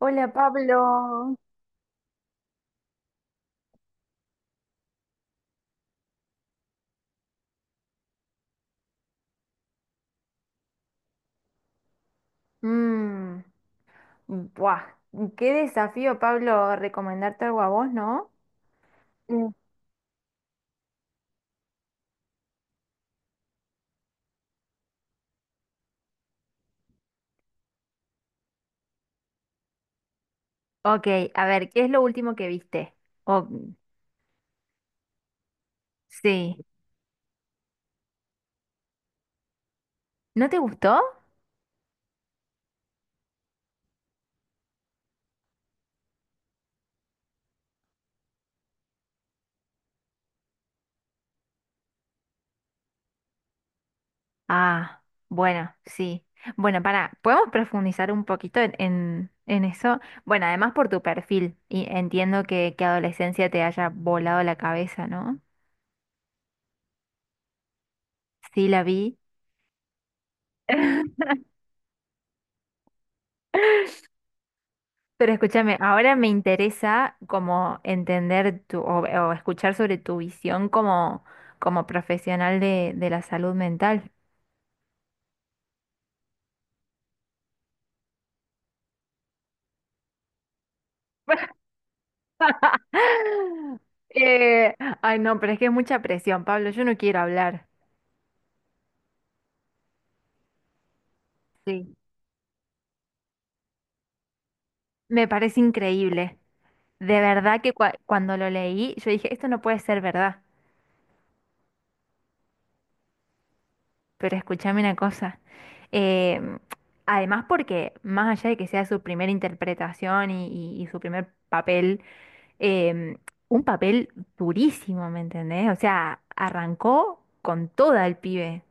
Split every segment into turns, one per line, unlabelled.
Hola Pablo. Mm, buah, qué desafío, Pablo, recomendarte algo a vos, ¿no? Mm. Ok, a ver, ¿qué es lo último que viste? Oh, sí. ¿No te gustó? Ah, bueno, sí. Bueno, para, podemos profundizar un poquito en eso. Bueno, además por tu perfil, y entiendo que adolescencia te haya volado la cabeza, ¿no? Sí, la vi. Pero escúchame, ahora me interesa como entender tu, o escuchar sobre tu visión como, como profesional de la salud mental. Ay, no, pero es que es mucha presión, Pablo, yo no quiero hablar. Sí. Me parece increíble. De verdad que cuando lo leí, yo dije, esto no puede ser verdad. Pero escúchame una cosa. em, Además, porque más allá de que sea su primera interpretación y su primer papel, em, un papel durísimo, ¿me entendés? O sea, arrancó con toda el pibe.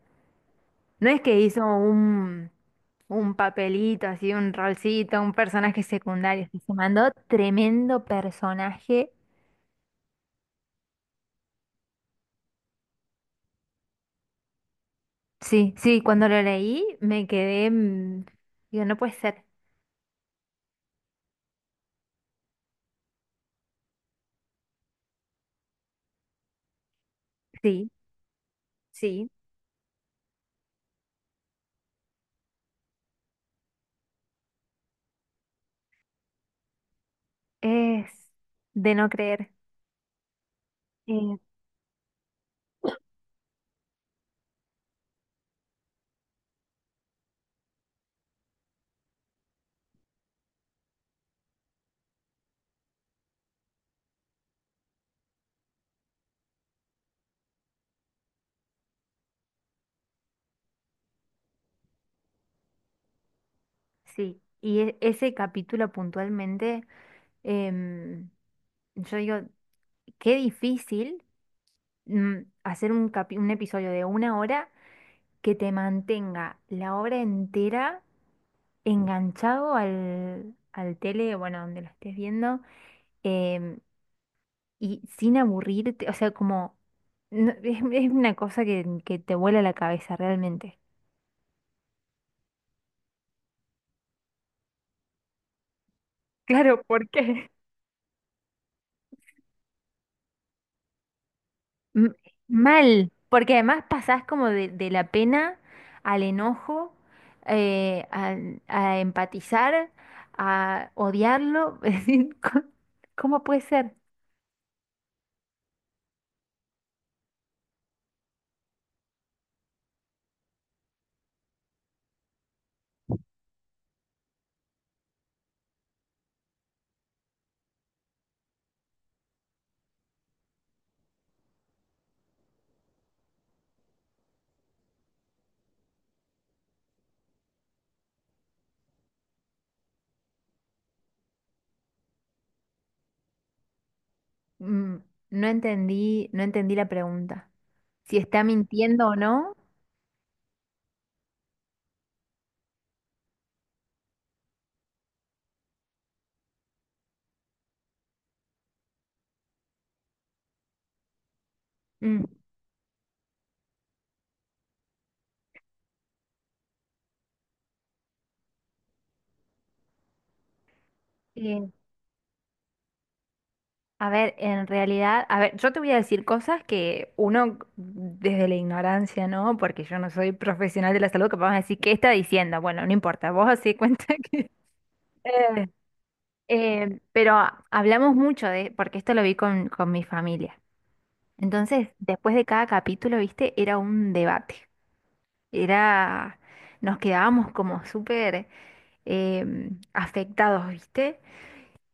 No es que hizo Un papelito, así, un rolcito, un personaje secundario, que se mandó tremendo personaje. Sí, sí, cuando lo leí me quedé, digo, no puede ser. Sí, sí, es de no creer. Eh, sí, y ese capítulo puntualmente, em, yo digo, qué difícil mm, hacer un, un episodio de una hora que te mantenga la obra entera enganchado al, al tele, bueno, donde lo estés viendo, em, y sin aburrirte, o sea, como no- es una cosa que te vuela la cabeza realmente. Claro, ¿por qué? M- Mal, porque además pasás como de la pena al enojo, eh, a, a empatizar, a odiarlo. Es decir, co- ¿cómo puede ser? Mm. No entendí, no entendí la pregunta. Si está mintiendo o no. Mm, eh, a ver, en realidad, a ver, yo te voy a decir cosas que uno desde la ignorancia, ¿no? Porque yo no soy profesional de la salud, que vamos a decir, ¿qué está diciendo? Bueno, no importa, vos hacé cuenta que… Eh, pero hablamos mucho de, porque esto lo vi con mi familia. Entonces, después de cada capítulo, viste, era un debate. Era, nos quedábamos como súper afectados, viste.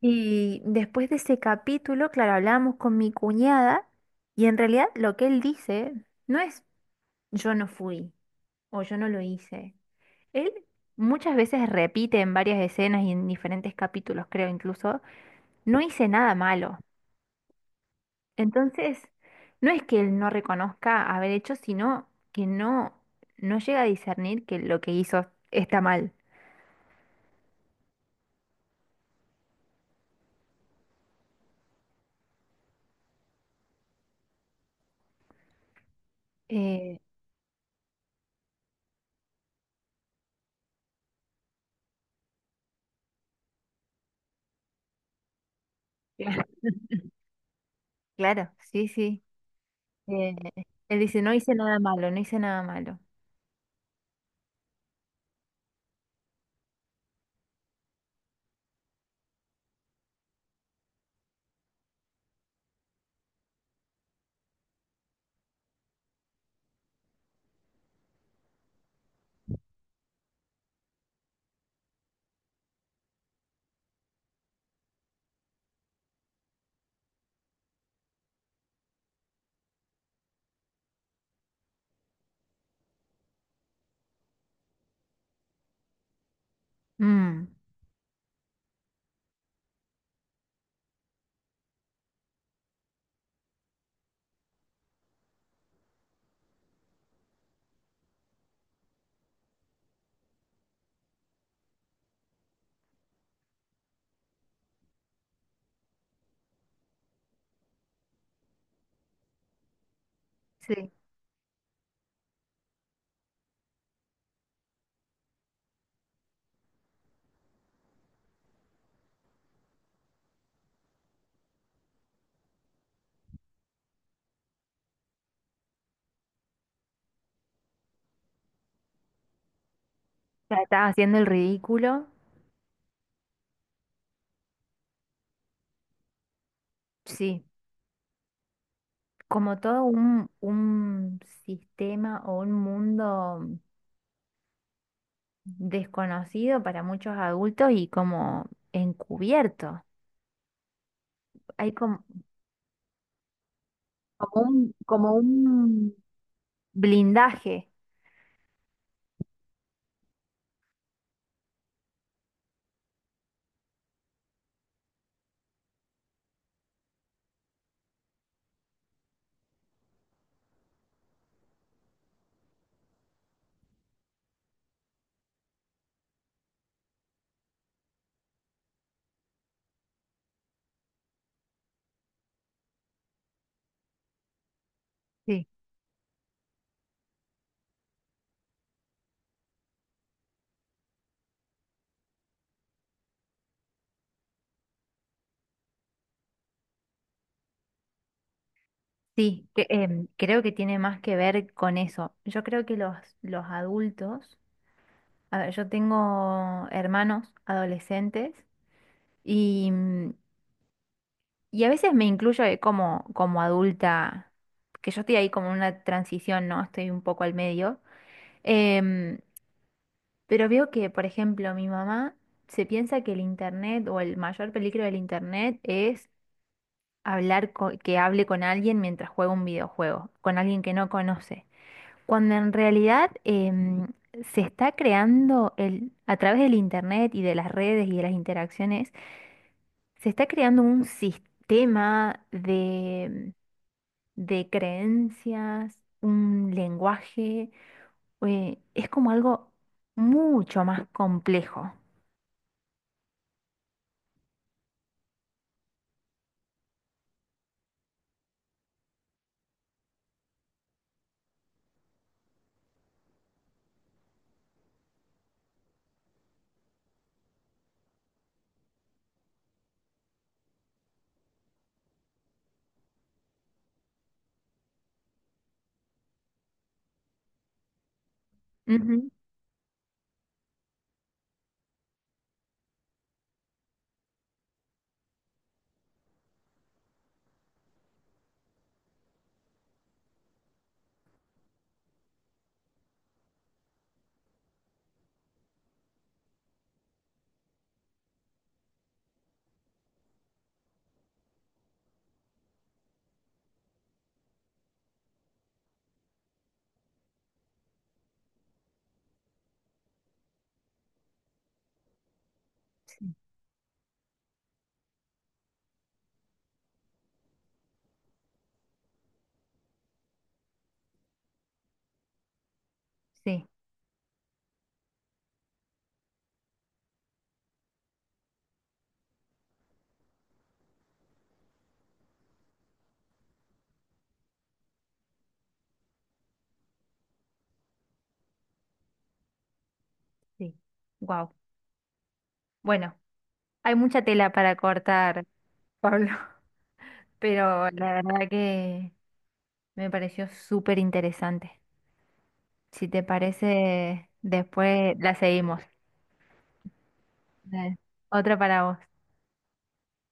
Y después de ese capítulo, claro, hablábamos con mi cuñada y en realidad lo que él dice no es yo no fui o yo no lo hice. Él muchas veces repite en varias escenas y en diferentes capítulos, creo incluso, no hice nada malo. Entonces, no es que él no reconozca haber hecho, sino que no, no llega a discernir que lo que hizo está mal. Eh, claro. Claro, sí, sí. eh, Él dice, no hice nada malo, no hice nada malo. Mm, sí. O sea, estaba haciendo el ridículo. Sí. Como todo un sistema o un mundo desconocido para muchos adultos y como encubierto. Hay como, como un blindaje. Sí. Sí, que, creo que tiene más que ver con eso. Yo creo que los adultos, a ver, yo tengo hermanos adolescentes y, y a veces me incluyo como, como adulta, que yo estoy ahí como en una transición, ¿no? Estoy un poco al medio. Em, pero veo que, por ejemplo, mi mamá se piensa que el internet o el mayor peligro del internet hablar que hable con alguien mientras juega un videojuego, con alguien que no conoce, cuando en realidad se está creando el, a través del internet y de las redes y de las interacciones, se está creando un sistema de creencias, un lenguaje, es como algo mucho más complejo. Ujú. Sí, sí, sí. Wow. Bueno, hay mucha tela para cortar, Pablo. Pero la verdad que me pareció súper interesante. Si te parece, después la seguimos. Dale. Otra para vos.